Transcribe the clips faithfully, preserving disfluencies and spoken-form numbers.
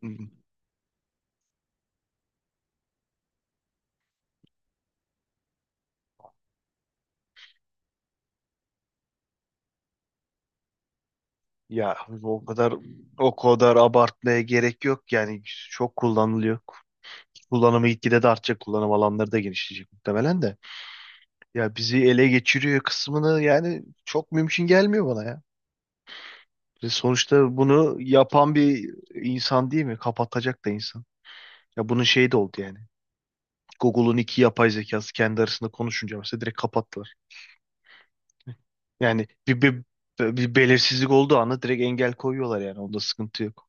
Hmm. Ya o kadar o kadar abartmaya gerek yok yani çok kullanılıyor. Kullanımı gitgide de artacak. Kullanım alanları da genişleyecek muhtemelen de. Ya bizi ele geçiriyor kısmını yani çok mümkün gelmiyor bana ya. Ve sonuçta bunu yapan bir insan değil mi? Kapatacak da insan. Ya bunun şeyi de oldu yani. Google'un iki yapay zekası kendi arasında konuşunca mesela direkt kapattılar. Yani bir, bir, bir belirsizlik olduğu anda direkt engel koyuyorlar yani. Onda sıkıntı yok.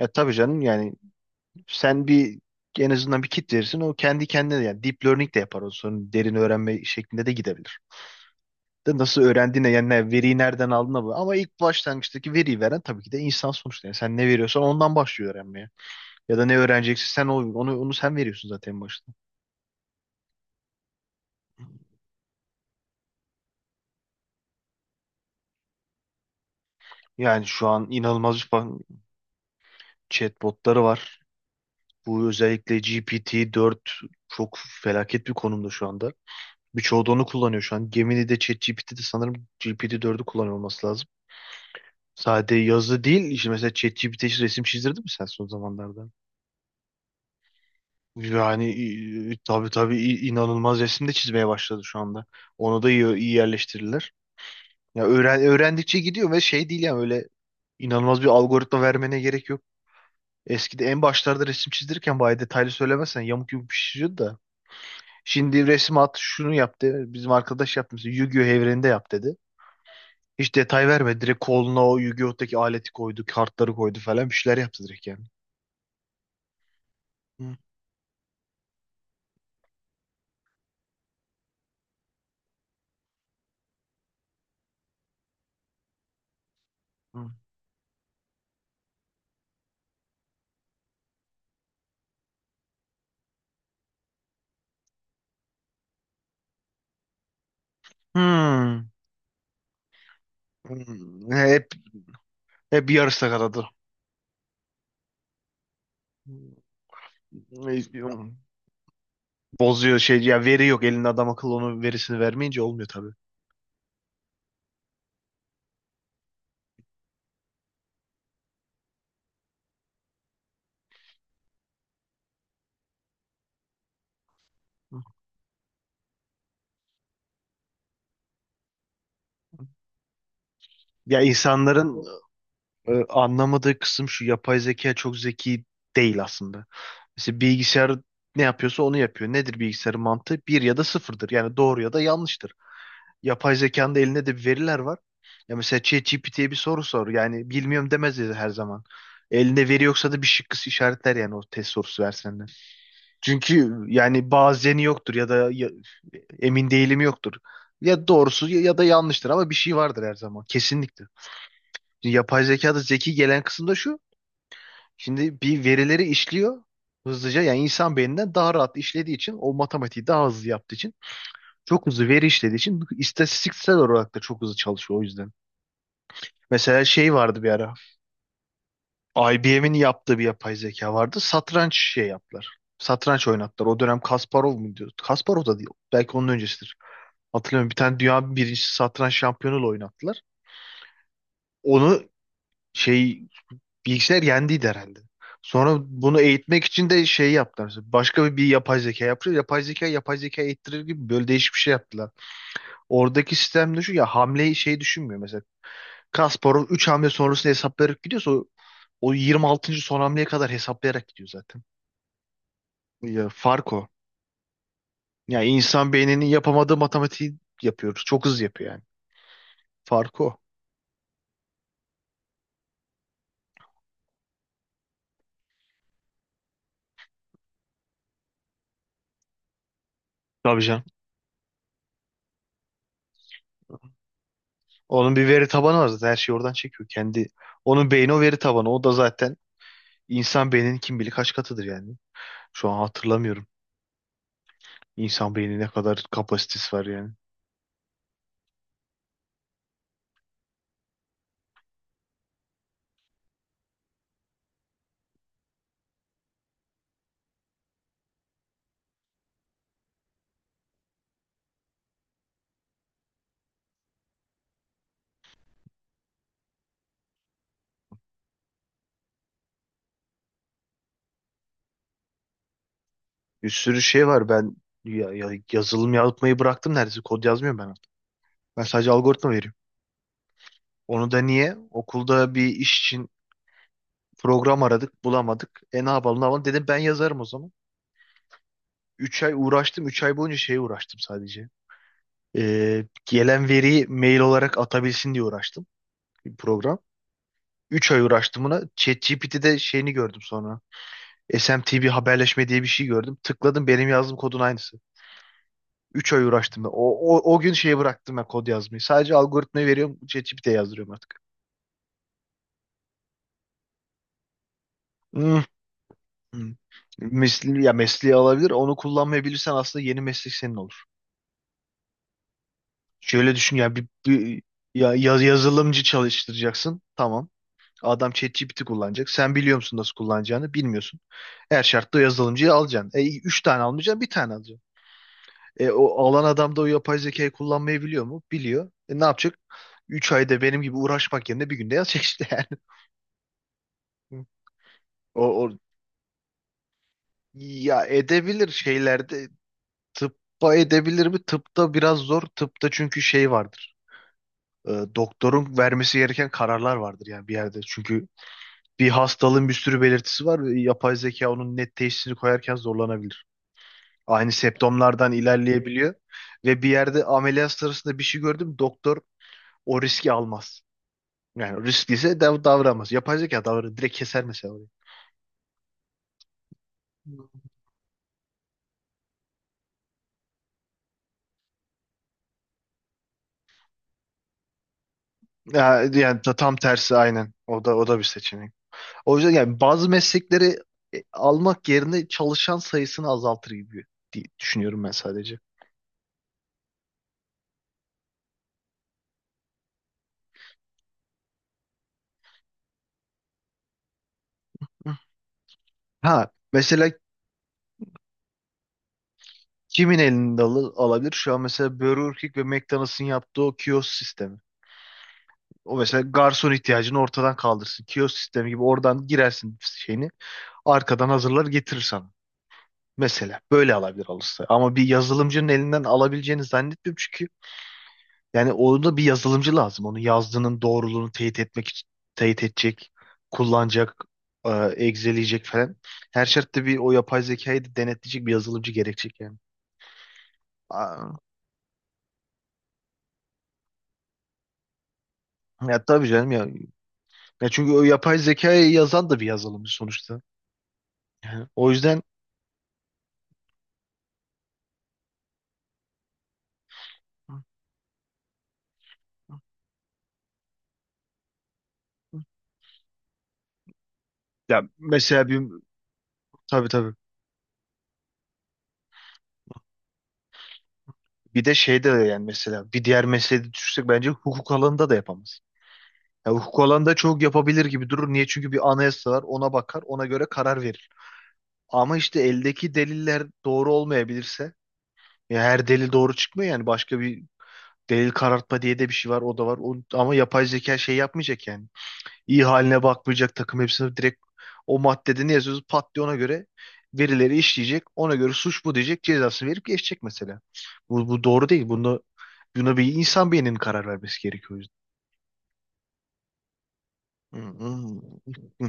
Ya tabii canım yani sen bir en azından bir kit verirsin o kendi kendine de- yani deep learning de yapar o sonra derin öğrenme şeklinde de gidebilir. De nasıl öğrendiğine yani ne- veriyi nereden aldığına bu. Ama ilk başlangıçtaki veriyi veren tabii ki de insan sonuçta. Yani sen ne veriyorsan ondan başlıyor öğrenmeye. Ya da ne öğreneceksin sen o- onu, onu sen veriyorsun zaten en başta. Yani şu an inanılmaz bir fan- chatbotları var. Bu özellikle G P T dört çok felaket bir konumda şu anda. Birçoğu da onu kullanıyor şu an. Gemini Gemini'de ChatGPT'de sanırım G P T dördü kullanıyor olması lazım. Sadece yazı değil, İşte mesela ChatGPT hiç resim çizdirdin mi sen son zamanlarda? Yani e, tabii tabii i- inanılmaz resim de çizmeye başladı şu anda. Onu da iyi, iyi yerleştirirler. Ya öğren, öğrendikçe gidiyor ve şey değil yani öyle inanılmaz bir algoritma vermene gerek yok. Eskide en başlarda resim çizdirirken bayağı detaylı söylemezsen yamuk yumuk bir şey çiziyordu da. Şimdi resim at şunu yap dedi. Bizim arkadaş yapmış. Yu-Gi-Oh evreninde yap dedi. Hiç detay vermedi. Direkt koluna o Yu-Gi-Oh'taki aleti koydu. Kartları koydu falan. Bir şeyler yaptı direkt yani. Hı, hı. Hmm. Hmm. Hep, hep yarısı kadadı. Bozuyor şey ya, veri yok elinde, adam akıllı onun verisini vermeyince olmuyor tabii. Ya insanların Ee, anlamadığı kısım şu, yapay zeka çok zeki değil aslında. Mesela bilgisayar ne yapıyorsa onu yapıyor. Nedir bilgisayarın mantığı? Bir ya da sıfırdır. Yani doğru ya da yanlıştır. Yapay zekanın da elinde de bir veriler var. Ya mesela ChatGPT'ye bir soru sor. Yani bilmiyorum demez dedi her zaman. Elinde veri yoksa da bir şıkkısı işaretler yani, o test sorusu versen de. Çünkü yani bazeni yoktur ya da ya- emin değilim yoktur. Ya doğrusu ya ya da yanlıştır ama bir şey vardır her zaman kesinlikle. Yapay zekada zeki gelen kısım da şu. Şimdi bir verileri işliyor hızlıca. Yani insan beyninden daha rahat işlediği için, o matematiği daha hızlı yaptığı için, çok hızlı veri işlediği için, istatistiksel olarak da çok hızlı çalışıyor o yüzden. Mesela şey vardı bir ara. I B M'in yaptığı bir yapay zeka vardı. Satranç şey yaptılar. Satranç oynattılar. O dönem Kasparov mu diyor? Kasparov da değil. Belki onun öncesidir. Hatırlamıyorum. Bir tane dünya birincisi satranç şampiyonuyla oynattılar. Onu şey, bilgisayar yendiydi herhalde. Sonra bunu eğitmek için de şey yaptılar. Başka bir, bir yapay zeka yapıyor. Yapay zeka yapay zeka eğittirir gibi böyle değişik bir şey yaptılar. Oradaki sistem, düşün ya, hamleyi şey düşünmüyor mesela. Kasparov üç hamle sonrasını hesaplayarak gidiyorsa, o, o yirmi altıncı son hamleye kadar hesaplayarak gidiyor zaten. Ya fark o. Ya insan beyninin yapamadığı matematiği yapıyoruz. Çok hızlı yapıyor yani. Fark o. Tabii canım. Onun bir veri tabanı var zaten. Her şeyi oradan çekiyor. Kendi, onun beyni o veri tabanı. O da zaten İnsan beyninin kim bilir kaç katıdır yani. Şu an hatırlamıyorum. İnsan beynine ne kadar kapasitesi var yani. Bir sürü şey var. Ben ya, ya- yazılım yapmayı bıraktım neredeyse. Kod yazmıyorum ben artık. Ben sadece algoritma veriyorum. Onu da niye? Okulda bir iş için program aradık, bulamadık. E ne yapalım, ne yapalım? Dedim ben yazarım o zaman. Üç ay uğraştım. Üç ay boyunca şeye uğraştım sadece. Ee, gelen veriyi mail olarak atabilsin diye uğraştım. Bir program. Üç ay uğraştım buna. ChatGPT'de şeyini gördüm sonra. S M T V haberleşme diye bir şey gördüm. Tıkladım, benim yazdığım kodun aynısı. Üç ay uğraştım ben. O, o, o gün şeye bıraktım ben kod yazmayı. Sadece algoritmayı veriyorum. ChatGPT'ye yazdırıyorum artık. Hmm. Hmm. Mesleği, ya mesleği alabilir. Onu kullanmayabilirsen aslında yeni meslek senin olur. Şöyle düşün ya, bir, bir- ya, yaz- yazılımcı çalıştıracaksın. Tamam. Adam ChatGPT kullanacak. Sen biliyor musun nasıl kullanacağını? Bilmiyorsun. Her şartta o yazılımcıyı alacaksın. E, üç tane almayacaksın, bir tane alacaksın. E, o alan adam da o yapay zekayı kullanmayı biliyor mu? Biliyor. E, ne yapacak? üç ayda benim gibi uğraşmak yerine bir günde yazacak işte yani. Hı. O, o ya edebilir şeylerde, tıbba edebilir mi? Tıpta biraz zor. Tıpta çünkü şey vardır. E, doktorun vermesi gereken kararlar vardır yani bir yerde. Çünkü bir hastalığın bir sürü belirtisi var ve yapay zeka onun net teşhisini koyarken zorlanabilir. Aynı septomlardan ilerleyebiliyor ve bir yerde ameliyat sırasında bir şey gördüm, doktor o riski almaz. Yani riskliyse dav davranmaz. Yapay zeka davranır. Direkt keser mesela orayı. Ya, yani ta- tam tersi aynen. O da o da bir seçenek. O yüzden yani bazı meslekleri e, almak yerine çalışan sayısını azaltır gibi diye düşünüyorum ben sadece. Hı. Ha mesela kimin elinde al- alabilir? Şu an mesela Burger King ve McDonald's'ın yaptığı o kiosk sistemi. O mesela garson ihtiyacını ortadan kaldırsın. Kiosk sistemi gibi, oradan girersin şeyini arkadan hazırlar getirir sana. Mesela böyle alabilir alırsa. Ama bir yazılımcının elinden alabileceğini zannetmiyorum çünkü yani orada bir yazılımcı lazım. Onun yazdığının doğruluğunu teyit etmek için teyit edecek, kullanacak, e, egzeleyecek falan. Her şartta bir, o yapay zekayı da denetleyecek bir yazılımcı gerekecek yani. Aa, ya tabii canım ya. Ya çünkü o yapay zekayı yazan da bir yazılımcı sonuçta. Yani o yüzden ya mesela bir, tabii tabii. Bir de şeyde de yani, mesela bir diğer mesleği düşünsek bence hukuk alanında da yapamaz. Ya hukuk alanında çok yapabilir gibi durur. Niye? Çünkü bir anayasa var. Ona bakar, ona göre karar verir. Ama işte eldeki deliller doğru olmayabilirse, ya her delil doğru çıkmıyor yani, başka bir delil karartma diye de bir şey var, o da var. O- ama yapay zeka şey yapmayacak yani. İyi haline bakmayacak, takım hepsini direkt, o maddede ne yazıyorsa pat diye ona göre verileri işleyecek. Ona göre suç bu diyecek, cezasını verip geçecek mesela. Bu, bu doğru değil. Bunu buna bir insan beyninin karar vermesi gerekiyor o yüzden. Hı, hı,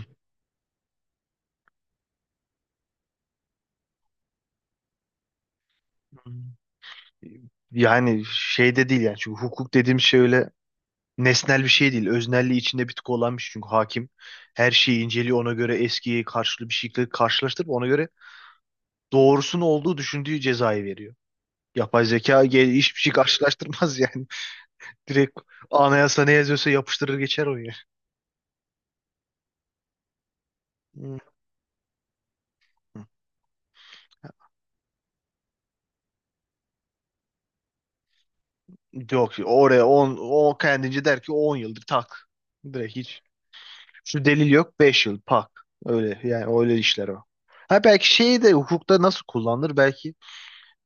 hı. Yani şey de değil yani, çünkü hukuk dediğim şey öyle nesnel bir şey değil. Öznelliği içinde bir tık olan bir şey. Çünkü hakim her şeyi inceliyor, ona göre eskiye karşılı bir şekilde karşılaştırıp ona göre doğrusunun olduğu düşündüğü cezayı veriyor. Yapay zeka ge- hiçbir şey karşılaştırmaz yani. Direkt anayasa ne yazıyorsa yapıştırır geçer o ya. Hı. Yok oraya on, o kendince der ki on yıldır tak. Direkt hiç, şu delil yok beş yıl pak. Öyle yani, öyle işler o. Ha belki şeyi de, hukukta nasıl kullanılır? Belki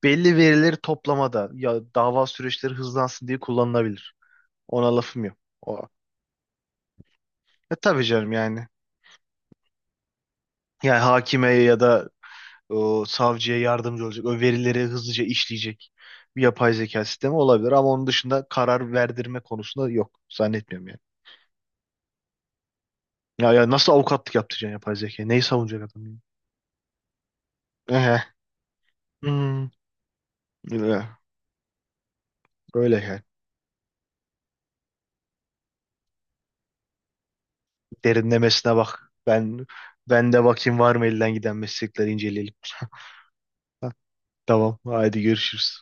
belli verileri toplamada ya dava süreçleri hızlansın diye kullanılabilir. Ona lafım yok. O. E tabii canım yani. Yani hakime ya da o, savcıya yardımcı olacak. O verileri hızlıca işleyecek bir yapay zeka sistemi olabilir. Ama onun dışında karar verdirme konusunda yok. Zannetmiyorum yani. Ya, ya nasıl avukatlık yaptıracaksın yapay zeka? Neyi savunacak adam, ya? Ehe. Hmm. Öyle. Öyle yani. Derinlemesine bak. Ben ben de bakayım var mı, elden giden meslekleri inceleyelim. Tamam, hadi görüşürüz.